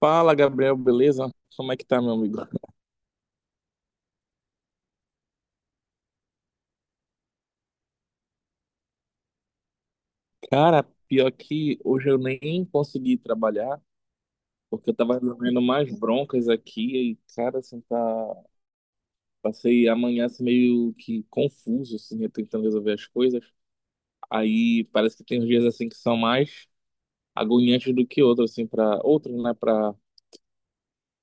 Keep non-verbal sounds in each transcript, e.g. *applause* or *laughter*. Fala, Gabriel, beleza? Como é que tá, meu amigo? Cara, pior que hoje eu nem consegui trabalhar, porque eu tava resolvendo mais broncas aqui e, cara, assim, passei amanhã assim, meio que confuso, assim, eu tentando resolver as coisas. Aí parece que tem uns dias, assim, que são mais agoniantes do que outros, assim, para outros, né, pra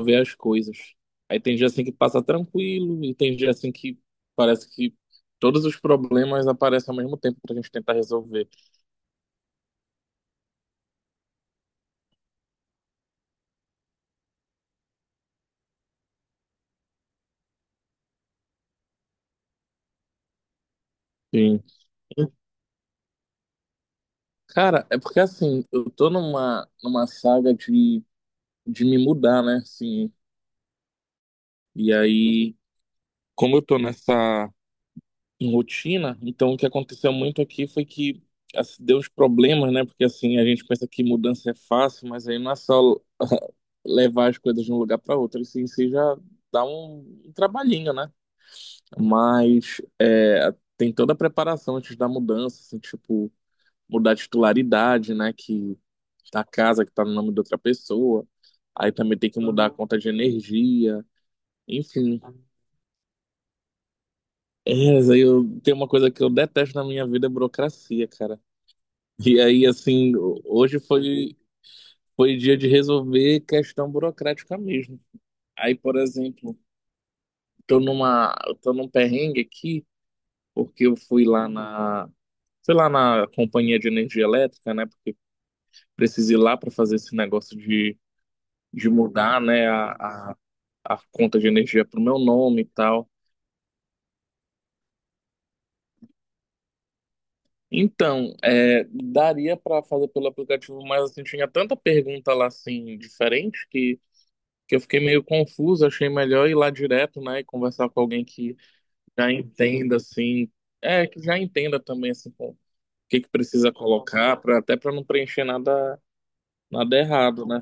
ver as coisas. Aí tem dia, assim, que passa tranquilo e tem dia, assim, que parece que todos os problemas aparecem ao mesmo tempo pra gente tentar resolver. Sim. Cara, é porque assim, eu tô numa saga de me mudar, né? Assim, e aí, como eu tô nessa rotina, então o que aconteceu muito aqui foi que assim, deu uns problemas, né? Porque assim, a gente pensa que mudança é fácil, mas aí não é só *laughs* levar as coisas de um lugar para outro, isso em si já dá um trabalhinho, né? Mas é, tem toda a preparação antes da mudança, assim, tipo. Mudar a titularidade, né? Que da casa que tá no nome de outra pessoa. Aí também tem que mudar a conta de energia. Enfim. É, mas aí eu tem uma coisa que eu detesto na minha vida, é burocracia, cara. E aí, assim, hoje foi, foi dia de resolver questão burocrática mesmo. Aí, por exemplo, eu tô num perrengue aqui, porque eu fui lá na companhia de energia elétrica, né? Porque precisei ir lá para fazer esse negócio de mudar, né, a conta de energia para o meu nome e tal. Então, é, daria para fazer pelo aplicativo, mas assim, tinha tanta pergunta lá assim, diferente, que eu fiquei meio confuso, achei melhor ir lá direto, né, e conversar com alguém que já entenda, assim, é, que já entenda também, assim, com o que que precisa colocar, pra, até para não preencher nada, nada errado, né.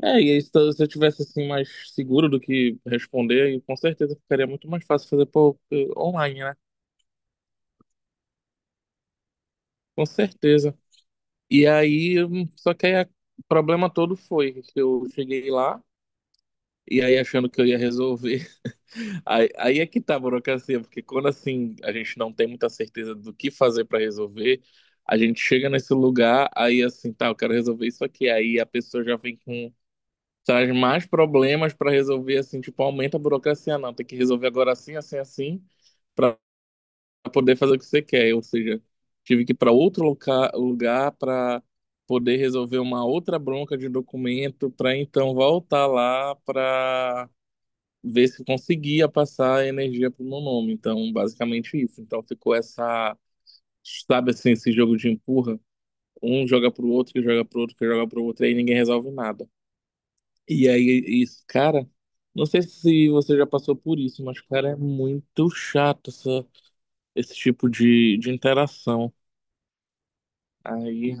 É, e aí, se eu tivesse assim mais seguro do que responder, aí, com certeza ficaria muito mais fácil fazer por online, né? Com certeza. E aí, só que o problema todo foi que eu cheguei lá e aí achando que eu ia resolver. *laughs* Aí é que tá a burocracia, porque quando assim a gente não tem muita certeza do que fazer para resolver, a gente chega nesse lugar, aí assim, tá, eu quero resolver isso aqui. Aí a pessoa já vem com traz mais problemas para resolver assim, tipo, aumenta a burocracia, não, tem que resolver agora assim, assim, assim para poder fazer o que você quer. Ou seja, tive que ir para lugar para poder resolver uma outra bronca de documento, para então voltar lá para ver se conseguia passar a energia para o meu nome. Então, basicamente isso. Então, ficou essa, sabe assim, esse jogo de empurra. Um joga pro outro, que joga pro outro, que joga pro outro, e aí ninguém resolve nada. E aí, isso, cara, não sei se você já passou por isso, mas, cara, é muito chato esse tipo de interação. Aí.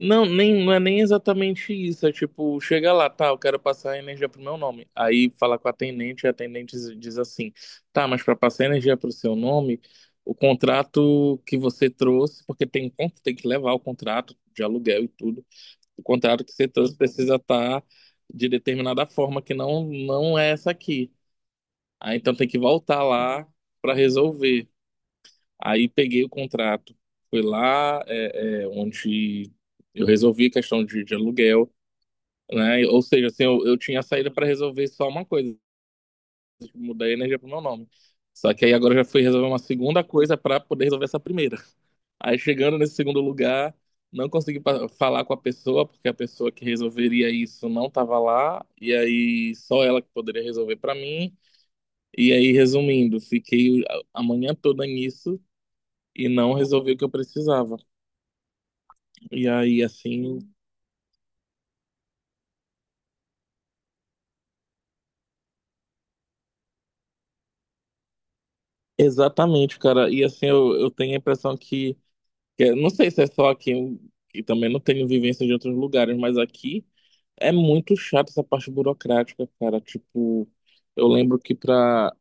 Não, nem, não é nem exatamente isso. É tipo, chega lá, tá, eu quero passar a energia pro meu nome. Aí fala com a atendente, e a atendente diz assim: tá, mas para passar a energia pro seu nome, o contrato que você trouxe, porque tem que levar o contrato de aluguel e tudo, o contrato que você trouxe precisa estar de determinada forma, que não, não é essa aqui. Aí então tem que voltar lá para resolver. Aí peguei o contrato, fui lá, onde eu resolvi a questão de aluguel, né? Ou seja, assim, eu tinha saída para resolver só uma coisa, tipo, mudar a energia pro meu nome. Só que aí agora eu já fui resolver uma segunda coisa para poder resolver essa primeira. Aí chegando nesse segundo lugar, não consegui falar com a pessoa, porque a pessoa que resolveria isso não estava lá, e aí só ela que poderia resolver para mim. E aí, resumindo, fiquei a manhã toda nisso e não resolvi o que eu precisava. E aí, assim, exatamente, cara. E assim, eu tenho a impressão não sei se é só aqui, e também não tenho vivência de outros lugares, mas aqui é muito chato essa parte burocrática, cara. Tipo, eu lembro que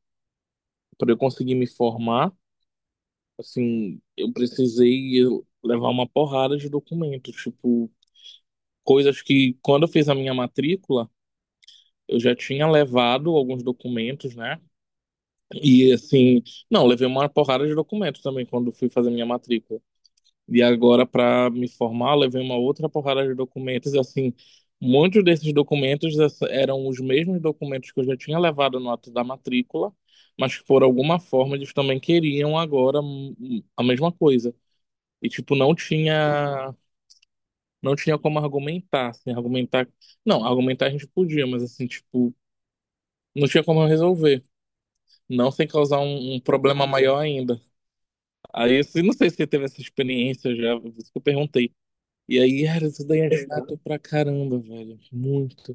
pra eu conseguir me formar, assim, eu precisei levar uma porrada de documentos, tipo, coisas que quando eu fiz a minha matrícula, eu já tinha levado alguns documentos, né? E assim, não, levei uma porrada de documento também quando fui fazer minha matrícula. E agora, para me formar, levei uma outra porrada de documentos. E assim, muitos desses documentos eram os mesmos documentos que eu já tinha levado no ato da matrícula, mas que por alguma forma eles também queriam agora a mesma coisa. E tipo, não tinha como argumentar, assim, argumentar. Não, argumentar a gente podia, mas assim, tipo, não tinha como resolver. Não sem causar um problema maior ainda. Aí eu não sei se você teve essa experiência já, por isso que eu perguntei. E aí, cara, isso daí é chato pra caramba, velho. Muito.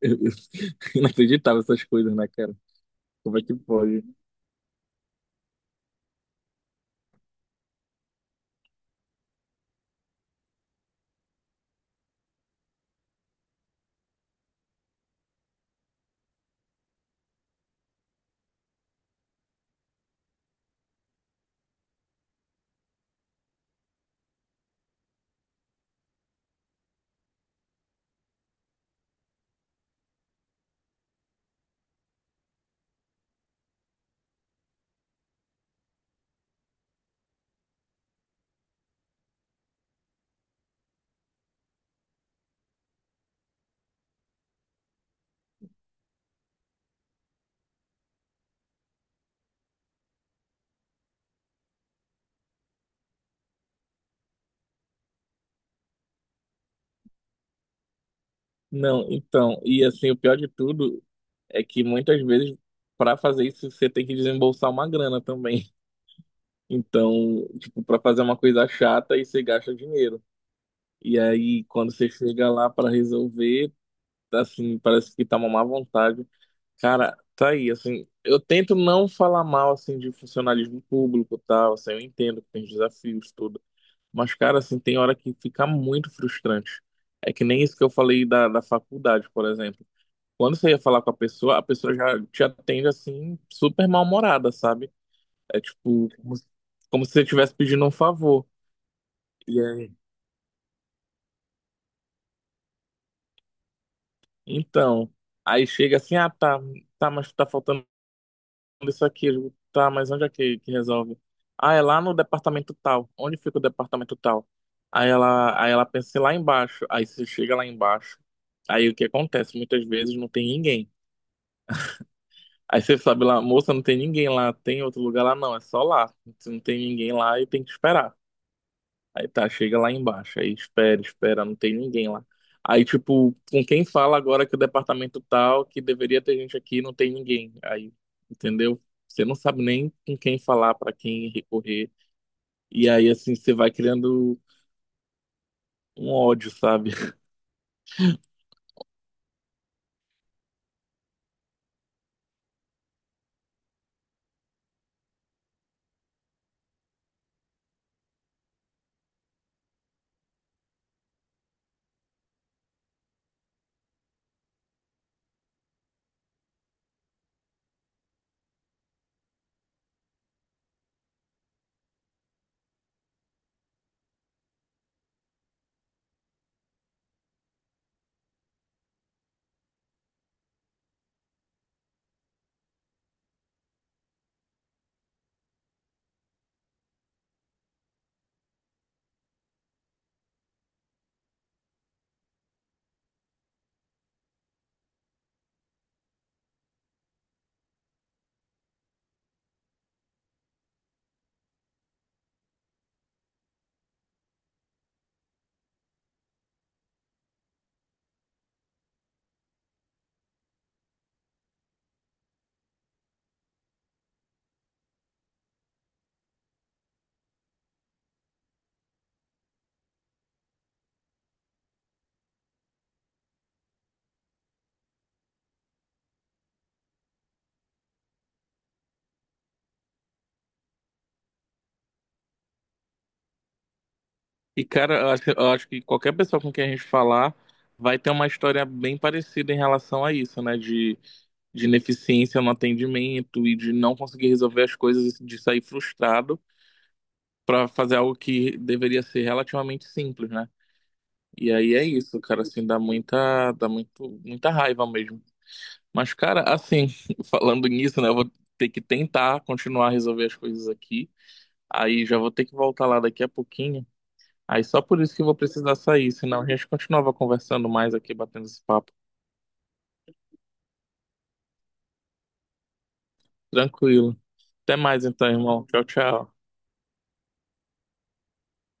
Eu- eu- *laughs* Inacreditável essas coisas, né, cara? Como é que pode? Não, então, e assim, o pior de tudo é que muitas vezes, pra fazer isso, você tem que desembolsar uma grana também. Então, tipo, pra fazer uma coisa chata, aí você gasta dinheiro. E aí, quando você chega lá pra resolver, assim, parece que tá uma má vontade. Cara, tá aí, assim, eu tento não falar mal, assim, de funcionalismo público e tal, assim, eu entendo que tem os desafios, tudo, mas, cara, assim, tem hora que fica muito frustrante. É que nem isso que eu falei da faculdade, por exemplo. Quando você ia falar com a pessoa já te atende, assim, super mal-humorada, sabe? É tipo, como se você estivesse pedindo um favor. E aí, então, aí chega assim, ah, tá, mas tá faltando isso aqui, eu digo, tá, mas onde é que resolve? Ah, é lá no departamento tal. Onde fica o departamento tal? Aí ela pensa "É lá embaixo. Aí você chega lá embaixo. Aí o que acontece? Muitas vezes não tem ninguém. Aí você sabe lá, moça, não tem ninguém lá, tem outro lugar lá, não, é só lá. Não tem ninguém lá e tem que esperar. Aí tá, chega lá embaixo, aí espera, espera, não tem ninguém lá. Aí, tipo, com quem fala agora que o departamento tal, que deveria ter gente aqui, não tem ninguém. Aí, entendeu? Você não sabe nem com quem falar, pra quem recorrer. E aí, assim, você vai criando um ódio, sabe? *laughs* E, cara, eu acho que qualquer pessoa com quem a gente falar vai ter uma história bem parecida em relação a isso, né? De ineficiência no atendimento e de não conseguir resolver as coisas, de sair frustrado para fazer algo que deveria ser relativamente simples, né? E aí é isso, cara, assim, dá muita, muita raiva mesmo. Mas, cara, assim, *laughs* falando nisso, né, eu vou ter que tentar continuar a resolver as coisas aqui. Aí já vou ter que voltar lá daqui a pouquinho. Aí só por isso que eu vou precisar sair, senão a gente continuava conversando mais aqui, batendo esse papo. Tranquilo. Até mais então, irmão. Tchau, tchau.